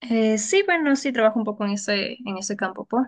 Sí, bueno, sí trabajo un poco en ese campo, pues.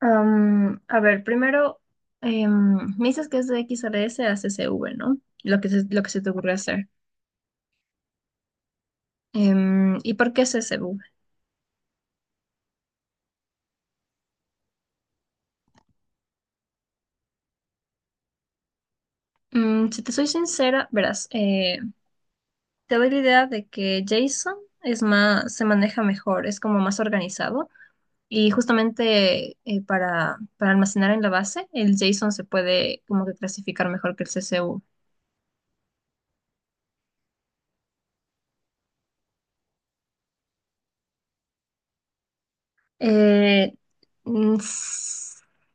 A ver, primero, me dices que es de XRS a CSV, ¿no? Lo que se te ocurre hacer. ¿Y por qué CSV? Si te soy sincera, verás, te doy la idea de que JSON es más, se maneja mejor, es como más organizado y justamente para almacenar en la base, el JSON se puede como que clasificar mejor que el CSV. Eh, mm,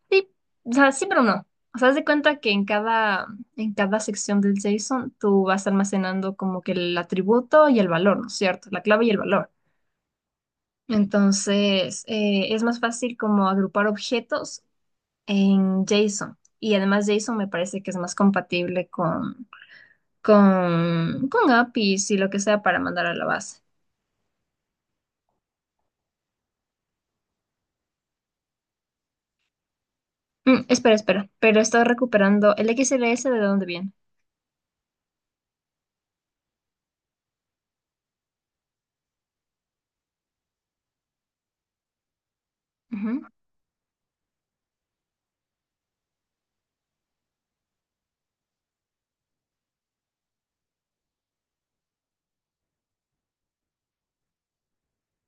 sí, o sea, sí, pero no. O sea, haz de cuenta que en cada sección del JSON tú vas almacenando como que el atributo y el valor, ¿no es cierto? La clave y el valor. Entonces, es más fácil como agrupar objetos en JSON. Y además JSON me parece que es más compatible con APIs y lo que sea para mandar a la base. Espera, espera, pero estoy recuperando el XLS de dónde viene.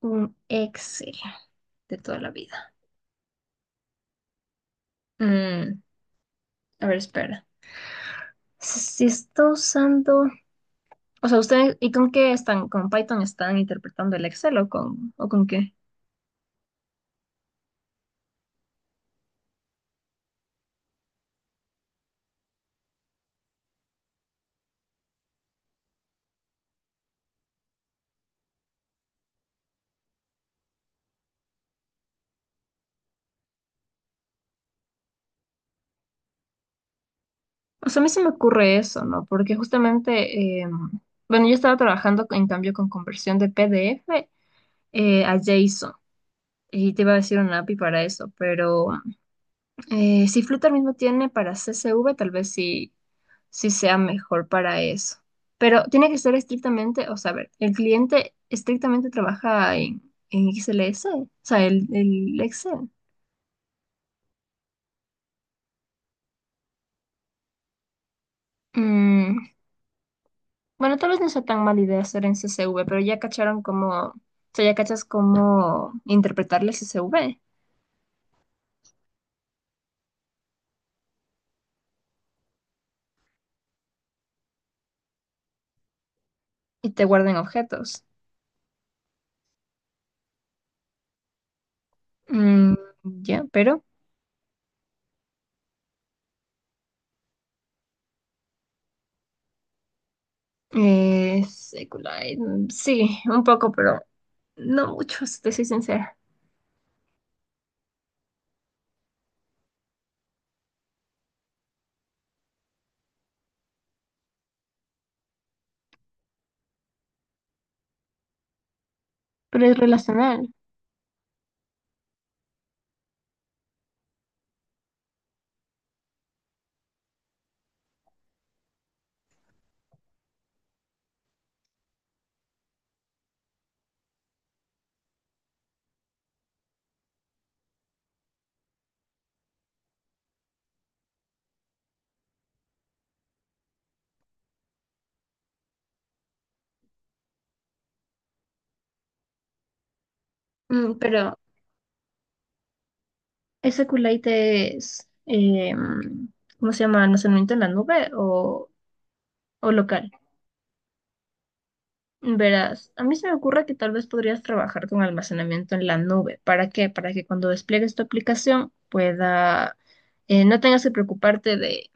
Un Excel de toda la vida. Mm, a ver, espera. Si está usando. O sea, ¿ustedes y con qué están? ¿Con Python están interpretando el Excel o con qué? O sea, a mí se me ocurre eso, ¿no? Porque justamente, bueno, yo estaba trabajando en cambio con conversión de PDF a JSON y te iba a decir una API para eso, pero. Si Flutter mismo tiene para CSV, tal vez sí sea mejor para eso. Pero tiene que ser estrictamente, o sea, a ver, el cliente estrictamente trabaja en XLS, o sea, el Excel. Mm, bueno, tal vez no sea tan mala idea hacer en CSV, pero ya cacharon cómo, o sea, ya cachas cómo interpretarle CSV y te guardan objetos. Mm, ya, pero secular, sí, un poco, pero no mucho, si te soy sincera. Pero es relacional. Pero ese Kulite es, em, ¿cómo se llama? ¿Almacenamiento en la nube o local? Verás, a mí se me ocurre que tal vez podrías trabajar con almacenamiento en la nube. ¿Para qué? Para que cuando despliegues tu aplicación pueda, no tengas que preocuparte de,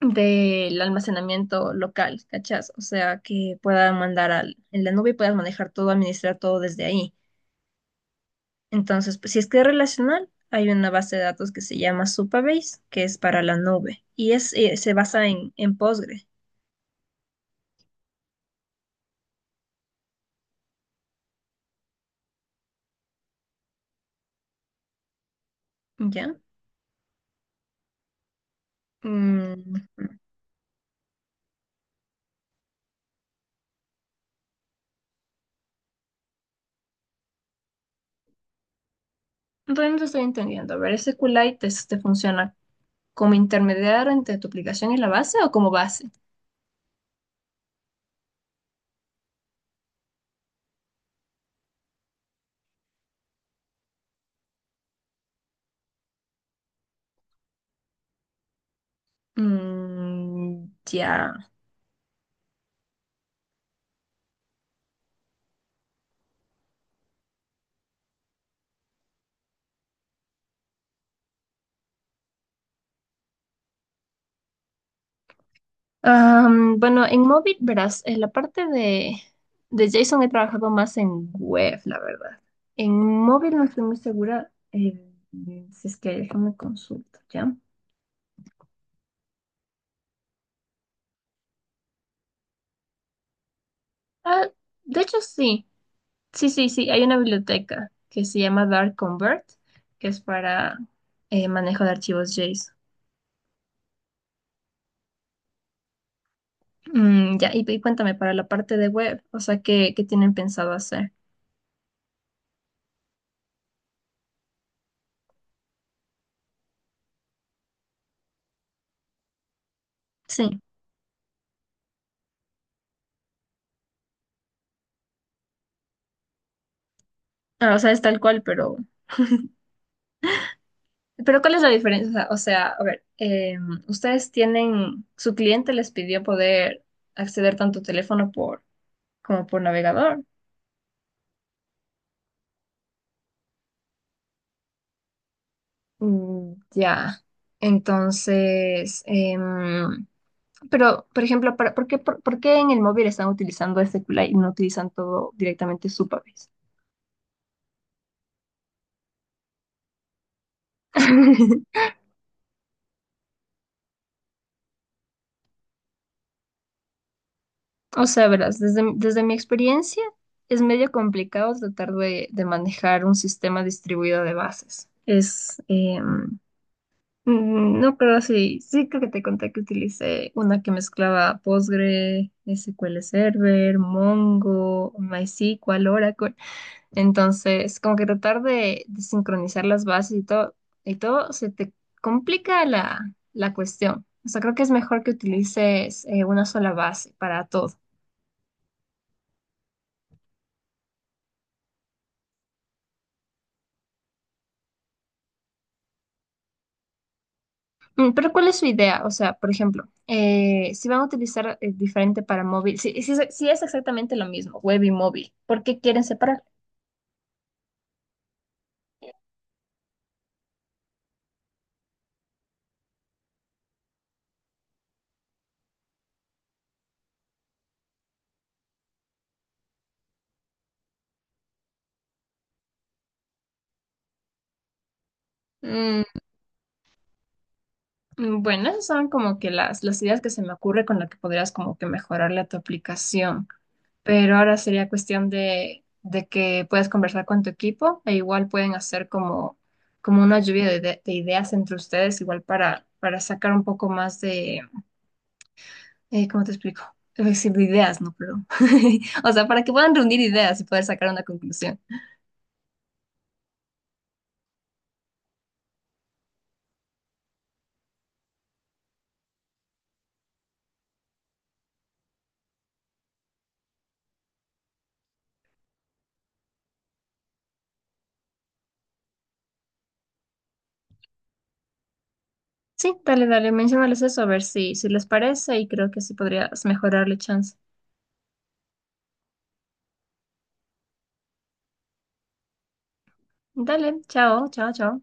del almacenamiento local, ¿cachás? O sea, que pueda mandar al, en la nube y puedas manejar todo, administrar todo desde ahí. Entonces, pues, si es que es relacional, hay una base de datos que se llama Supabase, que es para la nube, y es, se basa en Postgre, ¿ya? Mm, Entonces, no te estoy entendiendo. A ver, SQLite te funciona como intermediario entre tu aplicación y la base, ¿o como base? Mm, ya. Bueno, en móvil, verás, en la parte de JSON he trabajado más en web, la verdad. En móvil no estoy muy segura, si es que déjame consultar, ¿ya? Ah, de hecho, sí, sí, sí, sí, hay una biblioteca que se llama Dart Convert que es para manejo de archivos JSON. Ya, y cuéntame, para la parte de web, o sea, ¿qué tienen pensado hacer? Sí, ah, o sea, es tal cual, Pero ¿cuál es la diferencia? O sea, a ver, ustedes tienen, su cliente les pidió poder acceder tanto teléfono por, como por navegador. Mm, ya. Entonces, pero, por ejemplo, por qué en el móvil están utilizando este QLite y no utilizan todo directamente su país? O sea, verás, desde mi experiencia es medio complicado tratar de manejar un sistema distribuido de bases. No, creo sí creo que te conté que utilicé una que mezclaba Postgre, SQL Server, Mongo, MySQL, Oracle. Entonces, como que tratar de sincronizar las bases y todo, se te complica la cuestión. O sea, creo que es mejor que utilices una sola base para todo. Pero ¿cuál es su idea? O sea, por ejemplo, si van a utilizar diferente para móvil, si es exactamente lo mismo, web y móvil, ¿por qué quieren separar? Bueno, esas son como que las ideas que se me ocurre con las que podrías como que mejorarle a tu aplicación. Pero ahora sería cuestión de que puedas conversar con tu equipo e igual pueden hacer como una lluvia de ideas entre ustedes, igual para sacar un poco más de, ¿cómo te explico? Es decir, de ideas, no, perdón. O sea, para que puedan reunir ideas y poder sacar una conclusión. Sí, dale, dale, menciónales eso a ver si les parece y creo que así podrías mejorarle chance. Dale, chao, chao, chao.